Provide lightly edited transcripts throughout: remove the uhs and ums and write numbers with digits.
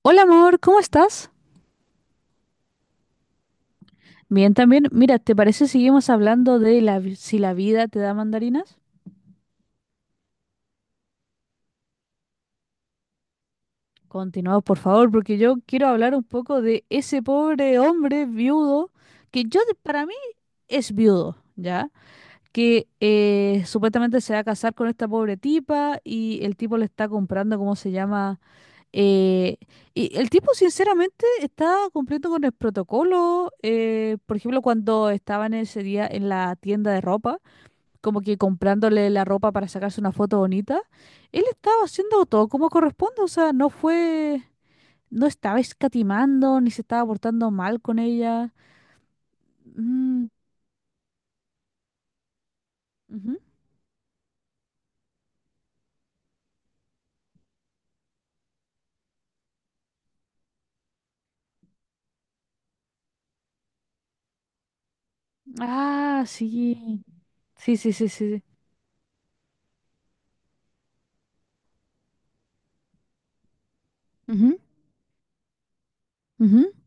Hola amor, ¿cómo estás? Bien, también. Mira, ¿te parece si seguimos hablando de la, si la vida te da mandarinas? Continuamos, por favor, porque yo quiero hablar un poco de ese pobre hombre viudo, que yo, para mí, es viudo, ¿ya? Que supuestamente se va a casar con esta pobre tipa y el tipo le está comprando, ¿cómo se llama? Eh, y el tipo, sinceramente, está cumpliendo con el protocolo. Por ejemplo, cuando estaban ese día en la tienda de ropa, como que comprándole la ropa para sacarse una foto bonita, él estaba haciendo todo como corresponde, o sea, no fue, no estaba escatimando, ni se estaba portando mal con ella. Mm, ujú. Ah, sí. Sí, sí, sí, sí, sí. Ujú, ujú.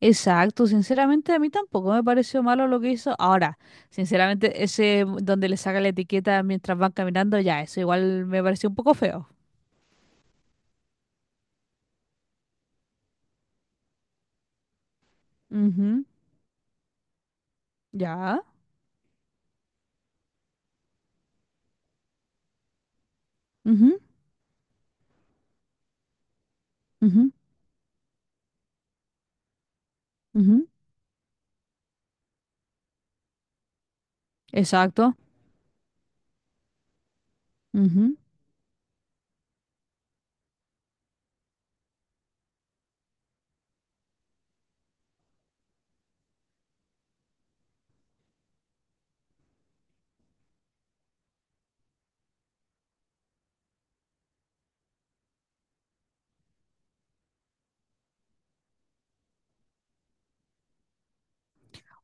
Exacto, sinceramente a mí tampoco me pareció malo lo que hizo. Ahora, sinceramente, ese donde le saca la etiqueta mientras van caminando, ya, eso igual me pareció un poco feo. Ujú. Ya. Ujú, ujú, ujú. Exacto.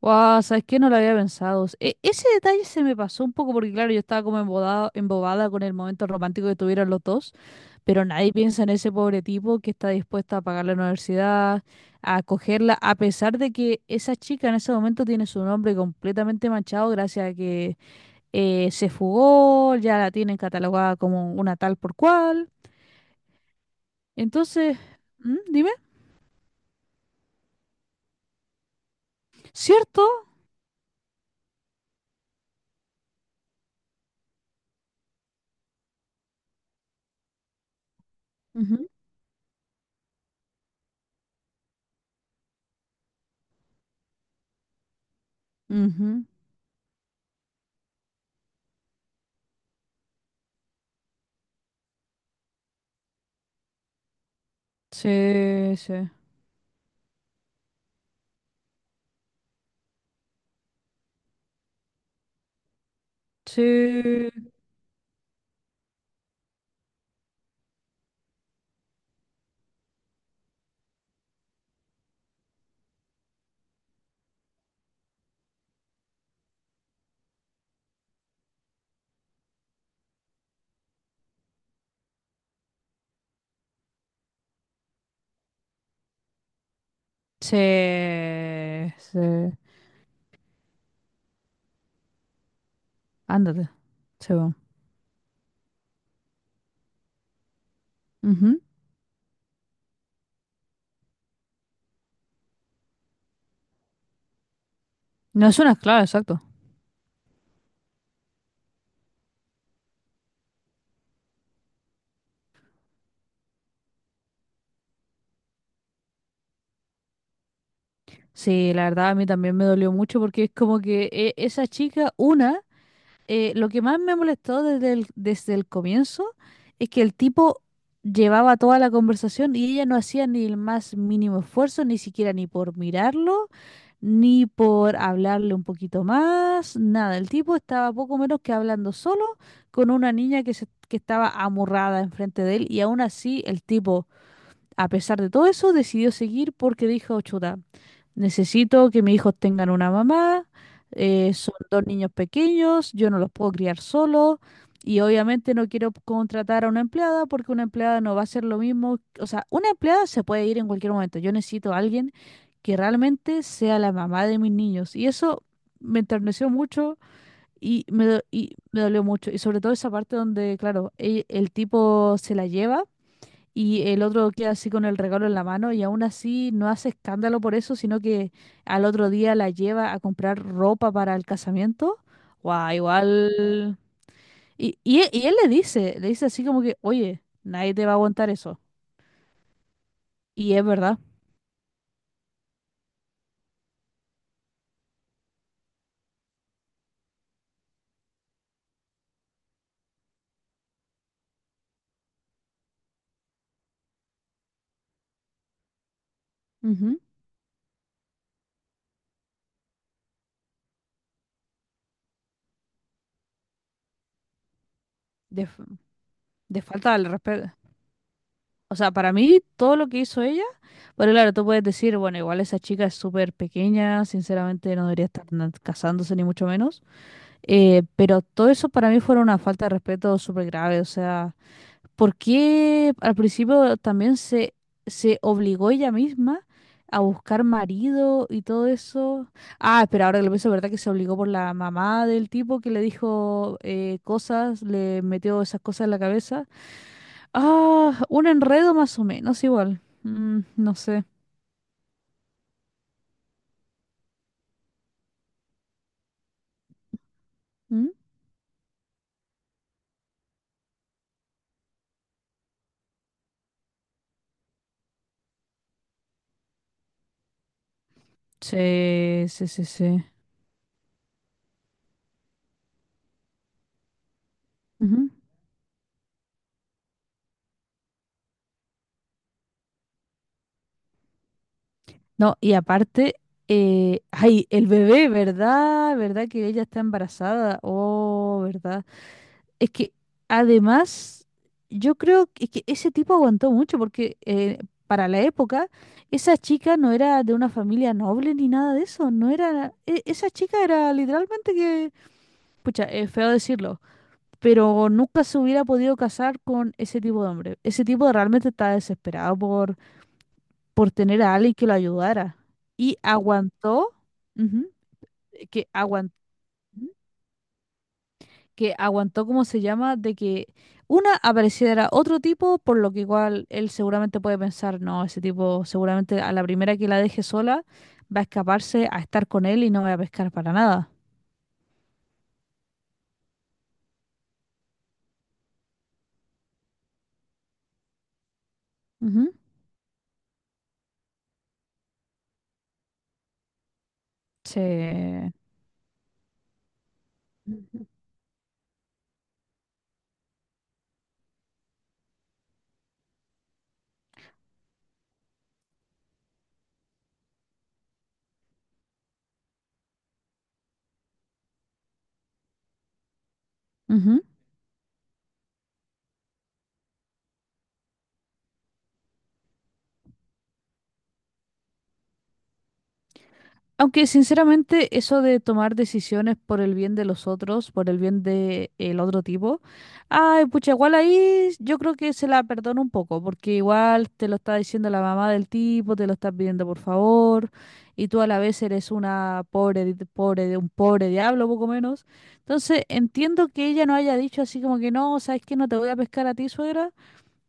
Wow, ¿sabes qué? No lo había pensado. Ese detalle se me pasó un poco porque, claro, yo estaba como embobada, embobada con el momento romántico que tuvieron los dos, pero nadie piensa en ese pobre tipo que está dispuesto a pagar la universidad, a acogerla, a pesar de que esa chica en ese momento tiene su nombre completamente manchado gracias a que se fugó, ya la tienen catalogada como una tal por cual. Entonces, ¿mm? Dime. ¿Cierto? Ujú, ujú. Sí, sí. Sí, se ándate, se va. Ujú. No es una esclava, exacto. Sí, la verdad a mí también me dolió mucho porque es como que esa chica, una, lo que más me molestó desde el comienzo es que el tipo llevaba toda la conversación y ella no hacía ni el más mínimo esfuerzo, ni siquiera ni por mirarlo, ni por hablarle un poquito más, nada. El tipo estaba poco menos que hablando solo con una niña que, que estaba amurrada enfrente de él y aún así el tipo, a pesar de todo eso, decidió seguir porque dijo, chuta, necesito que mis hijos tengan una mamá, son dos niños pequeños, yo no los puedo criar solo y obviamente no quiero contratar a una empleada porque una empleada no va a hacer lo mismo. O sea, una empleada se puede ir en cualquier momento. Yo necesito a alguien que realmente sea la mamá de mis niños y eso me enterneció mucho. Y me, y me dolió mucho. Y sobre todo esa parte donde, claro, el tipo se la lleva y el otro queda así con el regalo en la mano y aún así no hace escándalo por eso, sino que al otro día la lleva a comprar ropa para el casamiento. Guau, igual. Y él le dice así como que, oye, nadie te va a aguantar eso. Y es verdad. Ujú. De, f- de falta al respeto. O sea, para mí todo lo que hizo ella, pero claro, tú puedes decir, bueno, igual esa chica es súper pequeña, sinceramente no debería estar casándose ni mucho menos. Pero todo eso para mí fue una falta de respeto súper grave. O sea, ¿por qué al principio también se obligó ella misma a buscar marido y todo eso? Ah, pero ahora que lo pienso, ¿verdad que se obligó por la mamá del tipo que le dijo cosas, le metió esas cosas en la cabeza? Ah, un enredo más o menos igual. Mm, no sé. ¿Mm? Sí, sí, sí, sí. No, y aparte, ay, el bebé, ¿verdad? ¿Verdad que ella está embarazada? Oh, ¿verdad? Es que además, yo creo que ese tipo aguantó mucho porque para la época, esa chica no era de una familia noble ni nada de eso, no era, esa chica era literalmente que, pucha, es feo decirlo, pero nunca se hubiera podido casar con ese tipo de hombre. Ese tipo realmente estaba desesperado por tener a alguien que lo ayudara. Y aguantó, ujú, que aguantó, que aguantó, ¿cómo se llama? De que una apareciera otro tipo, por lo que igual él seguramente puede pensar, no, ese tipo seguramente a la primera que la deje sola va a escaparse a estar con él y no va a pescar para nada. Ujú. Sí. Ujú. Ujú. Aunque sinceramente eso de tomar decisiones por el bien de los otros, por el bien de el otro tipo, ay, pucha, igual ahí yo creo que se la perdono un poco, porque igual te lo está diciendo la mamá del tipo, te lo está pidiendo por favor, y tú a la vez eres una pobre, pobre de un pobre diablo, poco menos. Entonces, entiendo que ella no haya dicho así como que no, sabes que no te voy a pescar a ti, suegra,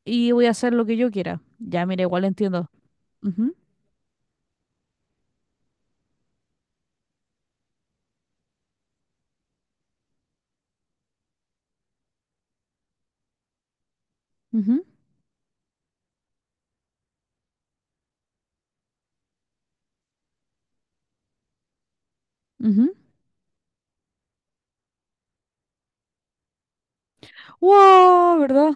y voy a hacer lo que yo quiera. Ya, mira, igual entiendo. Ujú, ujú, ujú. Wow, ¿verdad?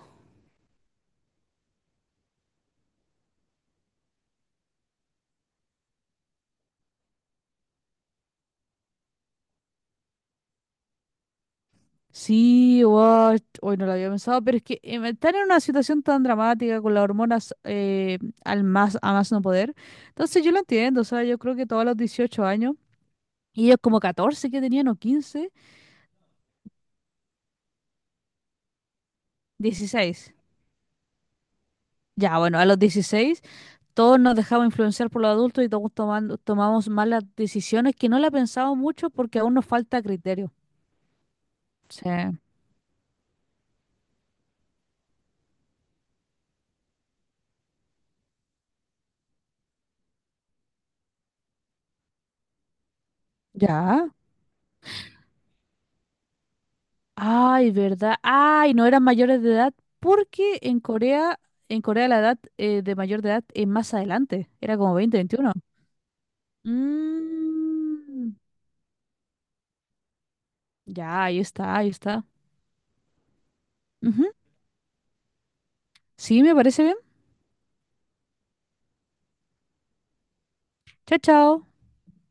Sí, guau, hoy no lo había pensado, pero es que estar en una situación tan dramática con las hormonas al más, a más no poder, entonces yo lo entiendo, o sea, yo creo que todos los 18 años, y ellos como 14 que tenían o 15, 16. Ya, bueno, a los 16 todos nos dejamos influenciar por los adultos y todos tomamos malas decisiones que no la pensamos mucho porque aún nos falta criterio. Sí, ya. Ay, ¿verdad? Ay, no eran mayores de edad porque en Corea la edad de mayor de edad es más adelante, era como 20, 21. Mm, ya, ahí está, ahí está. Ujú. Sí, me parece bien. Chao, chao.